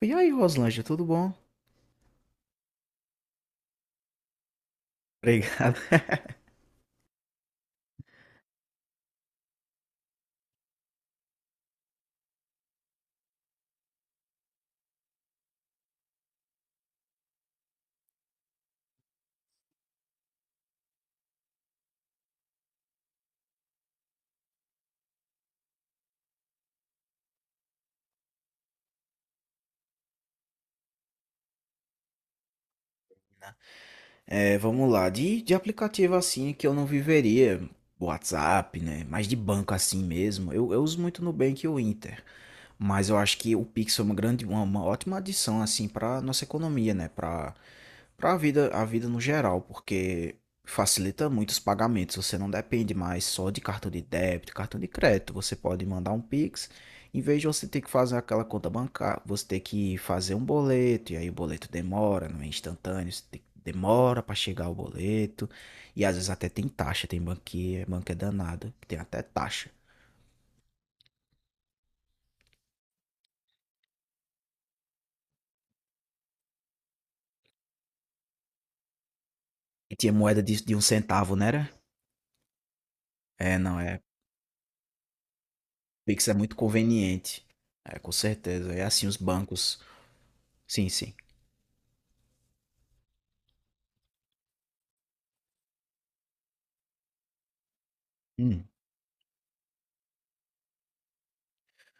E aí, Roslândia, tudo bom? Obrigado. É, vamos lá. De aplicativo assim que eu não viveria, WhatsApp, né? Mas de banco assim mesmo. Eu uso muito Nubank e o Inter. Mas eu acho que o Pix é uma ótima adição assim para nossa economia, né? Para a vida no geral, porque facilita muito os pagamentos. Você não depende mais só de cartão de débito, cartão de crédito. Você pode mandar um Pix. Em vez de você ter que fazer aquela conta bancária, você ter que fazer um boleto, e aí o boleto demora, não é instantâneo, que demora para chegar o boleto, e às vezes até tem taxa, tem banquinha, banco é danado, que tem até taxa. E tinha moeda de um centavo, né? Era? É, não, é. Pix é muito conveniente. É, com certeza. É assim os bancos. Sim, sim. Hum.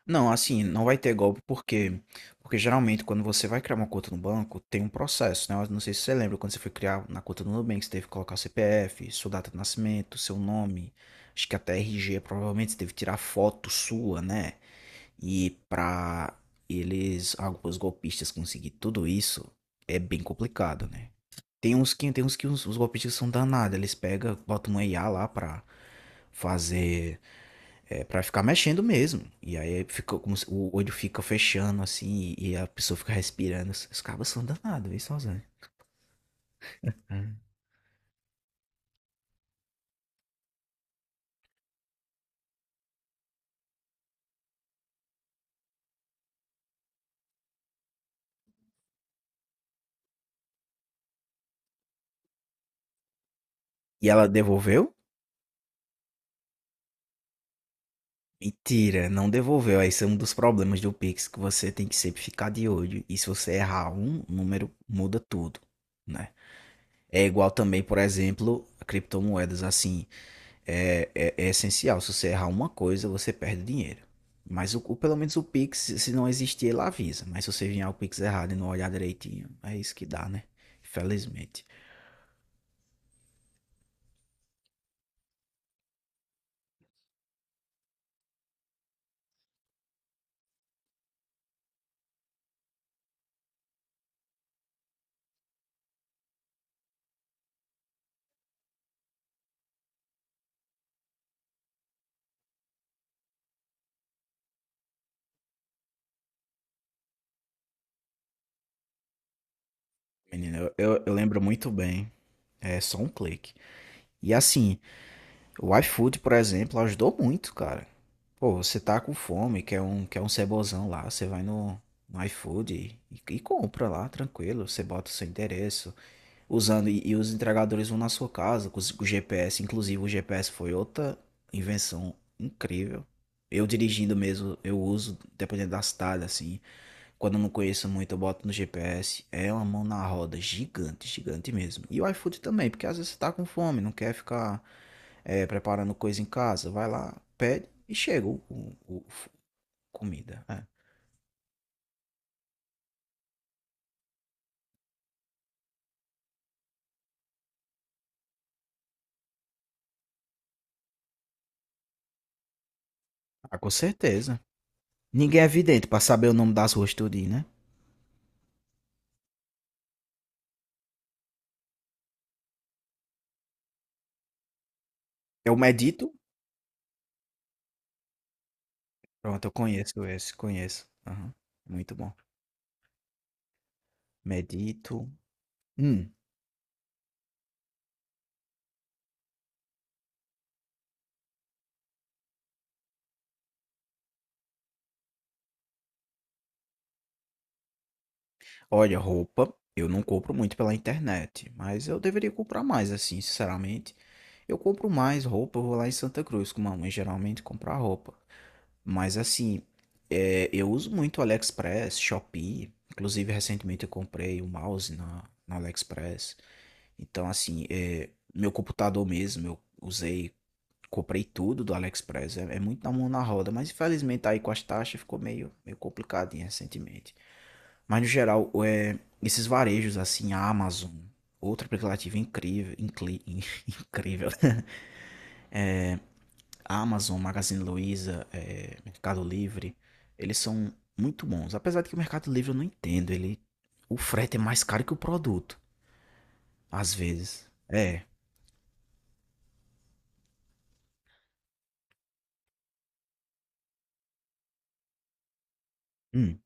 Não, assim, não vai ter golpe porque geralmente quando você vai criar uma conta no banco, tem um processo, né? Eu não sei se você lembra, quando você foi criar na conta do Nubank, você teve que colocar o CPF, sua data de nascimento, seu nome, acho que até RG, provavelmente você teve que tirar foto sua, né? E pra eles, alguns golpistas conseguir tudo isso, é bem complicado, né? Tem uns que os golpistas são danados, eles pegam, botam um IA lá pra fazer é pra ficar mexendo mesmo. E aí fica como o olho fica fechando assim e a pessoa fica respirando. Os cabos são danados, viu, sozinho. E ela devolveu? Mentira, não devolveu. Esse é um dos problemas do Pix, que você tem que sempre ficar de olho. E se você errar um número, muda tudo, né? É igual também, por exemplo, a criptomoedas assim. É essencial. Se você errar uma coisa, você perde dinheiro. Mas pelo menos o Pix, se não existir, ele avisa. Mas se você vier o Pix errado e não olhar direitinho, é isso que dá, né? Infelizmente. Menino, eu lembro muito bem. É só um clique. E assim, o iFood, por exemplo, ajudou muito, cara. Pô, você tá com fome, quer um cebozão lá, você vai no iFood e compra lá, tranquilo. Você bota o seu endereço, usando e os entregadores vão na sua casa com o GPS. Inclusive, o GPS foi outra invenção incrível. Eu dirigindo mesmo, eu uso, dependendo da cidade, assim. Quando eu não conheço muito, eu boto no GPS. É uma mão na roda, gigante, gigante mesmo. E o iFood também, porque às vezes você tá com fome, não quer ficar preparando coisa em casa. Vai lá, pede e chega comida. É. Ah, com certeza. Ninguém é vidente pra saber o nome das ruas tudinho, né? Eu medito. Pronto, eu conheço esse, conheço. Aham. Muito bom. Medito. Hum, olha, roupa, eu não compro muito pela internet, mas eu deveria comprar mais, assim, sinceramente. Eu compro mais roupa, eu vou lá em Santa Cruz com mamãe, geralmente comprar roupa. Mas assim, eu uso muito AliExpress, Shopee. Inclusive, recentemente eu comprei um mouse na AliExpress. Então, assim, meu computador mesmo, eu usei. Comprei tudo do AliExpress, é muito na mão na roda, mas infelizmente aí com as taxas ficou meio, meio complicadinho recentemente. Mas no geral, esses varejos assim, a Amazon, outro aplicativo incrível, incrível, né? A Amazon, Magazine Luiza, Mercado Livre, eles são muito bons. Apesar de que o Mercado Livre eu não entendo, ele, o frete é mais caro que o produto, às vezes. É, hum,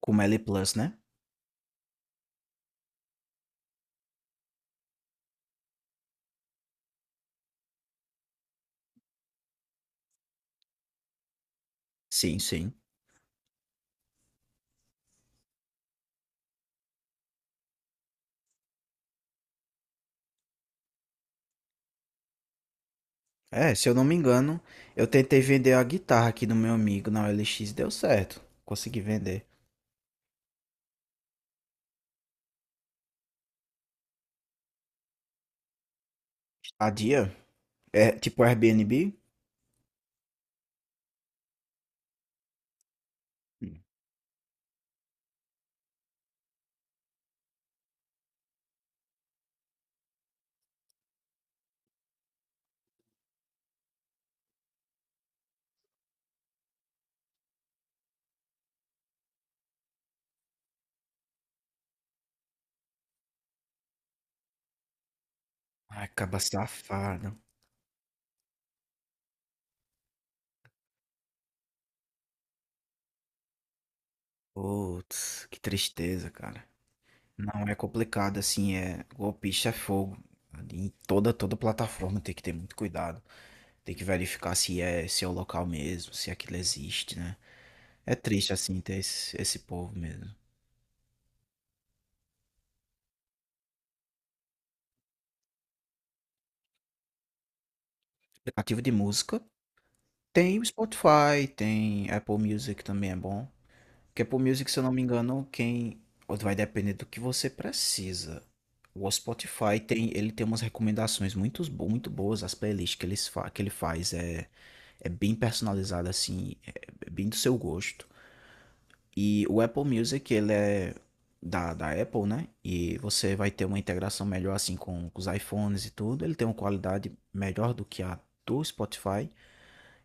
como L Plus, né? Sim, sim. É, se eu não me engano, eu tentei vender a guitarra aqui do meu amigo na OLX, deu certo. Consegui vender. A dia? É tipo Airbnb? Hum. Ai, caba safado. Putz, que tristeza, cara. Não é complicado, assim, é golpista é fogo. Em toda plataforma tem que ter muito cuidado. Tem que verificar se é o local mesmo, se aquilo existe, né? É triste, assim, ter esse povo mesmo. Aplicativo de música tem o Spotify, tem Apple Music também é bom. Porque Apple Music, se eu não me engano, quem ou vai depender do que você precisa. O Spotify tem, ele tem umas recomendações muito, muito boas, as playlists que ele faz. É bem personalizado assim, é bem do seu gosto. E o Apple Music, ele é da Apple, né? E você vai ter uma integração melhor assim com os iPhones e tudo. Ele tem uma qualidade melhor do que a do Spotify.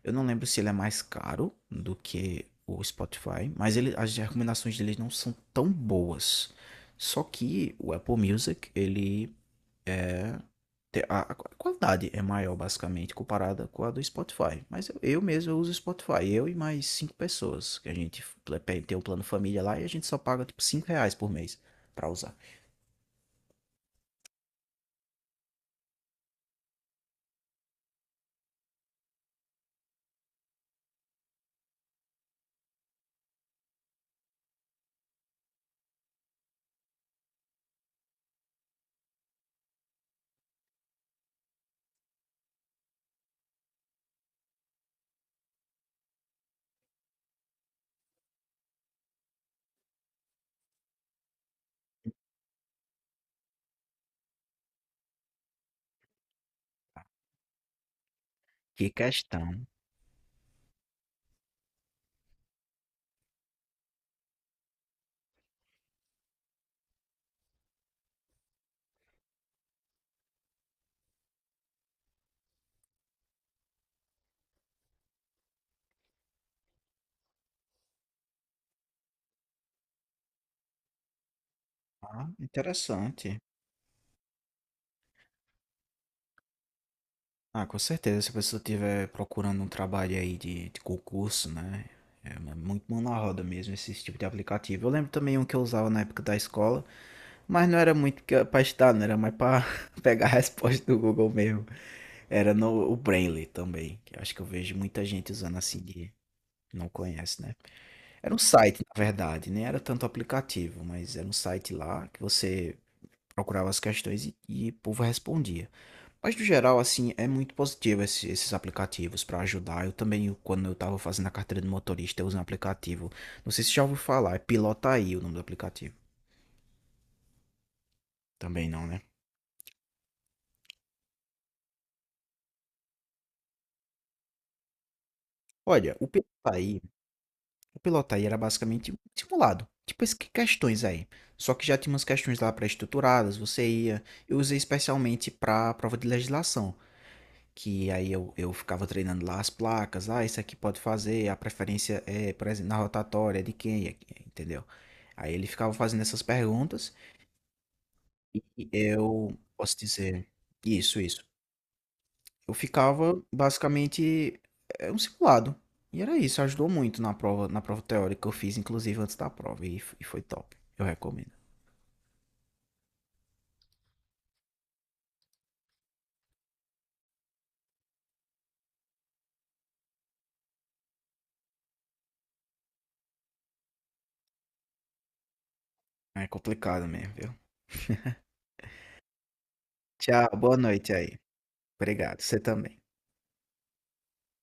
Eu não lembro se ele é mais caro do que o Spotify, mas ele, as recomendações dele não são tão boas. Só que o Apple Music, ele a qualidade é maior, basicamente, comparada com a do Spotify. Mas eu mesmo eu uso o Spotify, eu e mais cinco pessoas, que a gente tem o plano família lá e a gente só paga, tipo, R$ 5 por mês para usar. Que questão. Ah, interessante. Ah, com certeza, se a pessoa estiver procurando um trabalho aí de concurso, né? É muito mão na roda mesmo esse tipo de aplicativo. Eu lembro também um que eu usava na época da escola, mas não era muito pra estudar, não era mais pra pegar a resposta do Google mesmo. Era no o Brainly também, que eu acho que eu vejo muita gente usando assim que não conhece, né? Era um site, na verdade, nem era tanto aplicativo, mas era um site lá que você procurava as questões e o povo respondia. Mas no geral, assim, é muito positivo esses aplicativos para ajudar. Eu também, quando eu tava fazendo a carteira de motorista, eu usei um aplicativo. Não sei se já ouviu falar, é Pilotaí o nome do aplicativo. Também não, né? Olha, o Pilotaí. O piloto aí era basicamente um simulado. Tipo essas questões aí. Só que já tinha umas questões lá pré-estruturadas, você ia. Eu usei especialmente para a prova de legislação. Que aí eu ficava treinando lá as placas. Ah, isso aqui pode fazer. A preferência é, por exemplo, na rotatória de quem, entendeu? Aí ele ficava fazendo essas perguntas. E eu posso dizer. Isso, isso. Eu ficava basicamente é um simulado. E era isso, ajudou muito na prova teórica que eu fiz, inclusive antes da prova, e foi top. Eu recomendo. É complicado mesmo, viu? Tchau, boa noite aí. Obrigado, você também.